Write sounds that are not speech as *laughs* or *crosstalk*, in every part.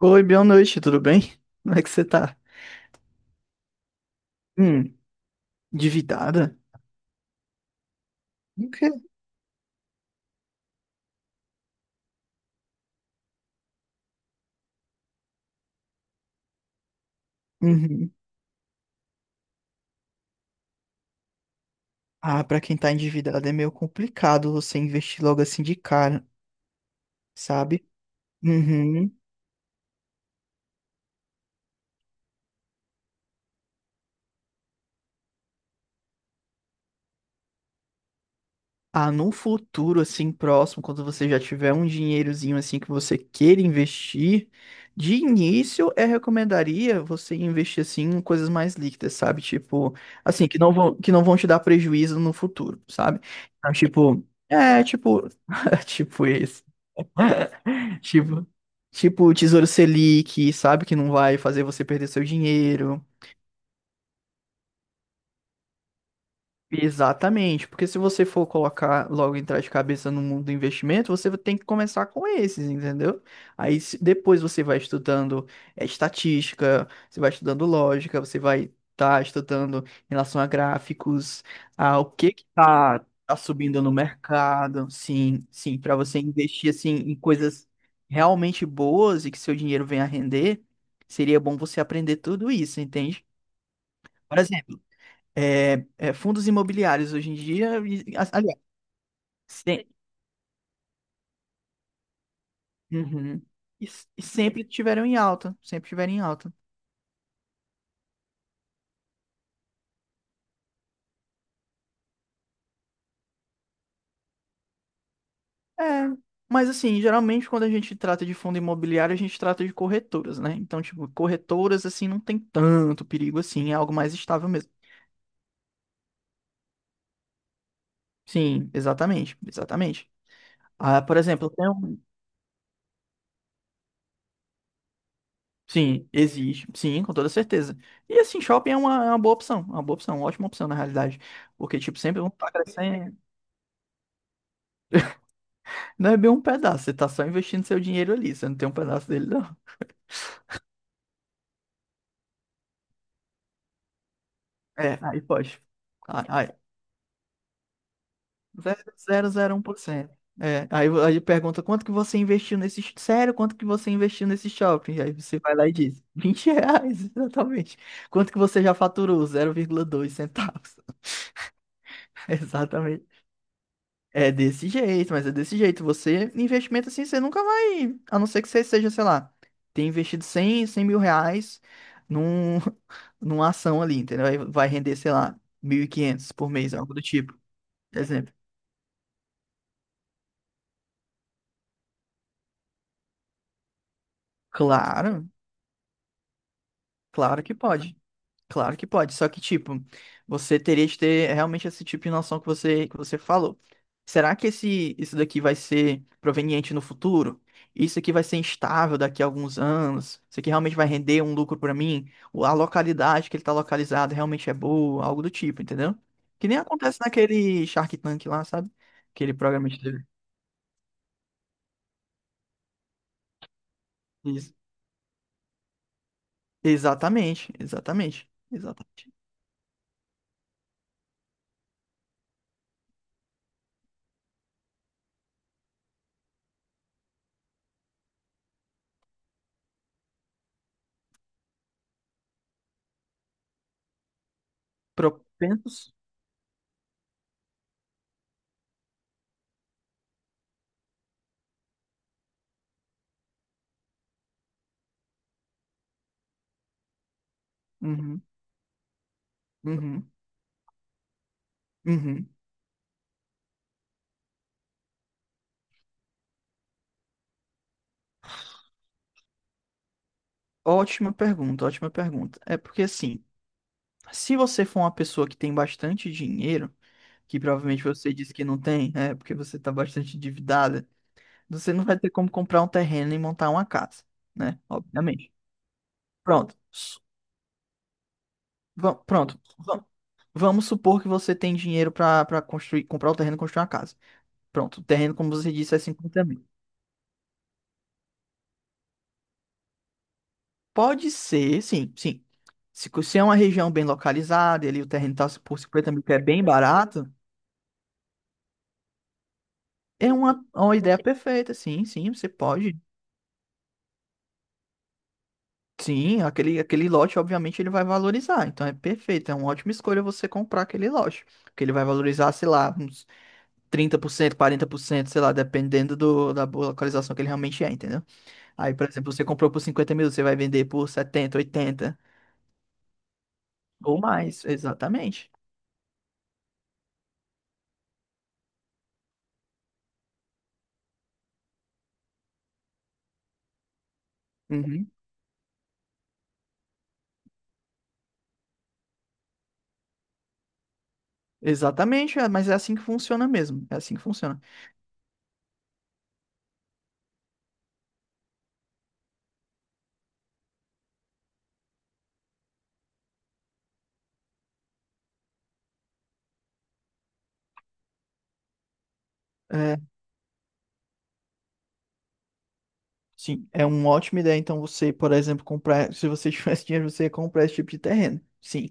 Oi, boa noite, tudo bem? Como é que você tá? Hum, endividada? O quê? Uhum. Ah, pra quem tá endividado é meio complicado você investir logo assim de cara, sabe? Uhum. Ah, num futuro assim próximo, quando você já tiver um dinheirozinho assim que você queira investir, de início eu recomendaria você investir assim em coisas mais líquidas, sabe? Tipo, assim, que não vão te dar prejuízo no futuro, sabe? Então, tipo, *laughs* tipo esse. *laughs* *laughs* Tipo, Tipo, o Tesouro Selic, sabe? Que não vai fazer você perder seu dinheiro. Exatamente, porque se você for colocar logo entrar de cabeça no mundo do investimento, você tem que começar com esses, entendeu? Aí depois você vai estudando estatística, você vai estudando lógica, você vai estar estudando em relação a gráficos, a o que que tá subindo no mercado, sim, sim, para você investir assim em coisas realmente boas e que seu dinheiro venha a render, seria bom você aprender tudo isso, entende? Por exemplo fundos imobiliários hoje em dia, e, aliás, se- Uhum. E, e sempre tiveram em alta, sempre tiveram em alta. É, mas assim, geralmente quando a gente trata de fundo imobiliário, a gente trata de corretoras, né? Então, tipo, corretoras, assim, não tem tanto perigo assim, é algo mais estável mesmo. Sim, exatamente, exatamente. Ah, por exemplo, tem um. Sim, existe, sim, com toda certeza. E assim, shopping é uma boa opção, é uma boa opção, uma ótima opção, na realidade. Porque, tipo, sempre vão estar crescendo. Não é bem um pedaço, você tá só investindo seu dinheiro ali, você não tem um pedaço dele, não. É, aí pode. Aí, zero zero zero um por cento. É, aí, aí pergunta quanto que você investiu nesse. Sério, quanto que você investiu nesse shopping? Aí você vai lá e diz: R$ 20, *laughs* exatamente. Quanto que você já faturou? Zero vírgula dois centavos. *laughs* Exatamente. É desse jeito, mas é desse jeito. Você, investimento assim, você nunca vai. A não ser que você seja, sei lá, ter investido cem mil reais num, *laughs* numa ação ali, entendeu? Aí vai render, sei lá, 1.500 por mês, algo do tipo. Exemplo. Claro, claro que pode. Claro que pode, só que tipo, você teria de ter realmente esse tipo de noção que você falou. Será que esse, isso daqui vai ser proveniente no futuro? Isso aqui vai ser instável daqui a alguns anos? Isso aqui realmente vai render um lucro pra mim? Ou a localidade que ele tá localizado realmente é boa? Algo do tipo, entendeu? Que nem acontece naquele Shark Tank lá, sabe? Aquele programa de TV. Isso. Exatamente, exatamente, exatamente. Propensos? Uhum, uhum, uhum. Ótima pergunta, ótima pergunta. É porque assim, se você for uma pessoa que tem bastante dinheiro, que provavelmente você disse que não tem, é porque você está bastante endividada, você não vai ter como comprar um terreno e montar uma casa, né? Obviamente. Pronto. Pronto. Vamos supor que você tem dinheiro para construir, comprar o terreno e construir uma casa. Pronto, o terreno, como você disse, é 50 mil. Pode ser, sim, sim. Se é uma região bem localizada, e ali o terreno está por 50 mil, que é bem barato. É uma ideia perfeita, sim, sim, você pode. Sim, aquele, aquele lote, obviamente, ele vai valorizar. Então é perfeito, é uma ótima escolha você comprar aquele lote. Porque ele vai valorizar, sei lá, uns 30%, 40%, sei lá, dependendo do, da boa localização que ele realmente é, entendeu? Aí, por exemplo, você comprou por 50 mil, você vai vender por setenta, 80 ou mais, exatamente. Uhum. Exatamente, é, mas é assim que funciona mesmo. É assim que funciona. É, sim, é uma ótima ideia. Então, você, por exemplo, comprar. *laughs* Se você tivesse dinheiro, você ia comprar esse tipo de terreno. Sim.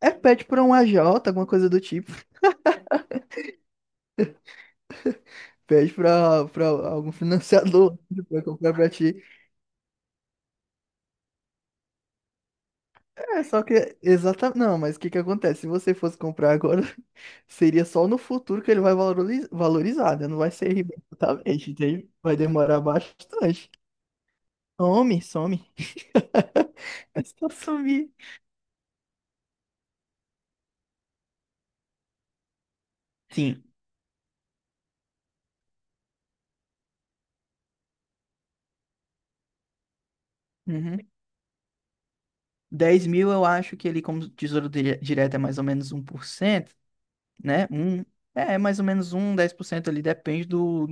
É, pede para um agiota, alguma coisa do tipo. *laughs* Pede para algum financiador *laughs* para comprar para ti. É, só que. Exatamente. Não, mas o que que acontece? Se você fosse comprar agora, *laughs* seria só no futuro que ele vai valorizar, né? Não vai ser imediatamente, entende? Vai demorar bastante. Some, some. *laughs* É só sumir. Sim. Uhum. 10 mil eu acho que ele, como tesouro direto, é mais ou menos 1%, né? Um, é, é mais ou menos um 10% ali, depende do,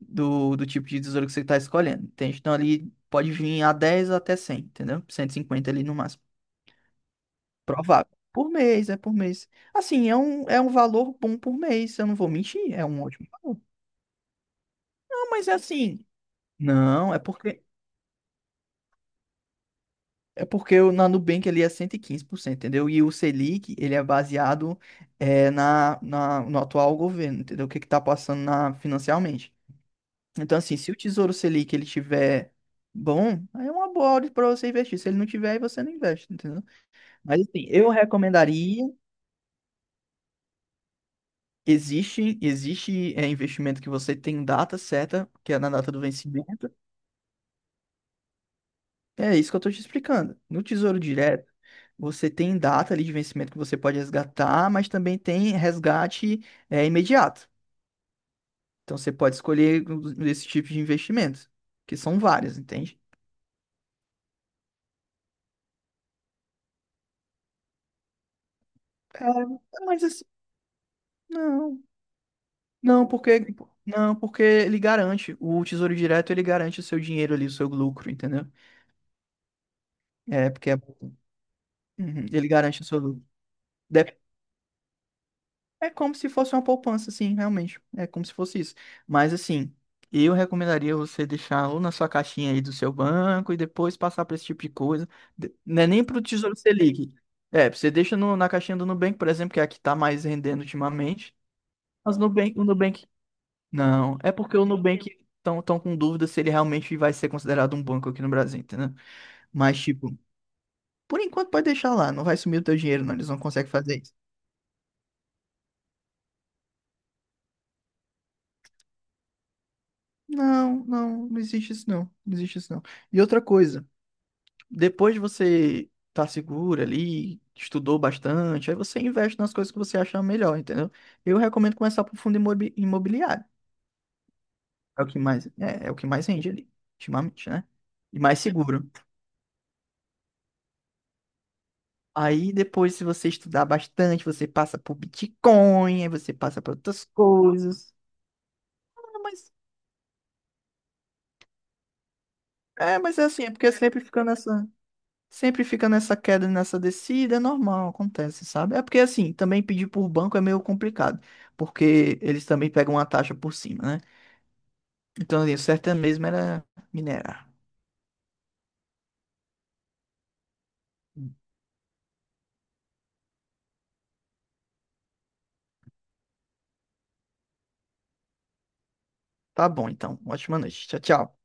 do, do tipo de tesouro que você está escolhendo. Entende? Então ali pode vir a 10 até cem, entendeu? Cento e cinquenta ali no máximo. Provável. Por mês, é por mês. Assim, é um valor bom por mês, eu não vou mentir, é um ótimo valor. Não, mas é assim. Não, é porque, é porque na Nubank ele é 115%, entendeu? E o Selic, ele é baseado no atual governo, entendeu? O que que tá passando na, financeiramente. Então, assim, se o Tesouro Selic ele tiver bom, aí é uma boa hora para você investir. Se ele não tiver, aí você não investe, entendeu? Mas, assim, eu recomendaria. Existe, existe investimento que você tem data certa, que é na data do vencimento, é isso que eu tô te explicando. No Tesouro Direto, você tem data ali de vencimento que você pode resgatar, mas também tem resgate, é, imediato. Então você pode escolher um desse tipo de investimentos, que são vários, entende? É, mas assim, não, não, porque, não, porque ele garante, o Tesouro Direto ele garante o seu dinheiro ali, o seu lucro, entendeu? É, porque Uhum, ele garante o seu lucro. É como se fosse uma poupança, sim, realmente. É como se fosse isso. Mas assim, eu recomendaria você deixar ou na sua caixinha aí do seu banco e depois passar para esse tipo de coisa. Não é nem para o Tesouro Selic. É, você deixa na caixinha do Nubank, por exemplo, que é a que está mais rendendo ultimamente. Mas Nubank, o Nubank. Não, é porque o Nubank estão tão tão com dúvida se ele realmente vai ser considerado um banco aqui no Brasil, entendeu? Mas, tipo, por enquanto pode deixar lá, não vai sumir o teu dinheiro, não. Eles não conseguem fazer isso. Não, não, não existe isso não, não existe isso não. E outra coisa, depois de você tá segura ali, estudou bastante, aí você investe nas coisas que você acha melhor, entendeu? Eu recomendo começar por fundo imobiliário. É o que mais, é o que mais rende ali, ultimamente, né? E mais seguro. Aí depois, se você estudar bastante, você passa por Bitcoin, aí você passa por outras coisas. Ah, mas é assim, é porque é sempre fica nessa. Sempre fica nessa queda, e nessa descida, é normal, acontece, sabe? É porque assim, também pedir por banco é meio complicado, porque eles também pegam uma taxa por cima, né? Então, assim, o certo é mesmo era minerar. Tá bom, então. Ótima noite. Tchau, tchau.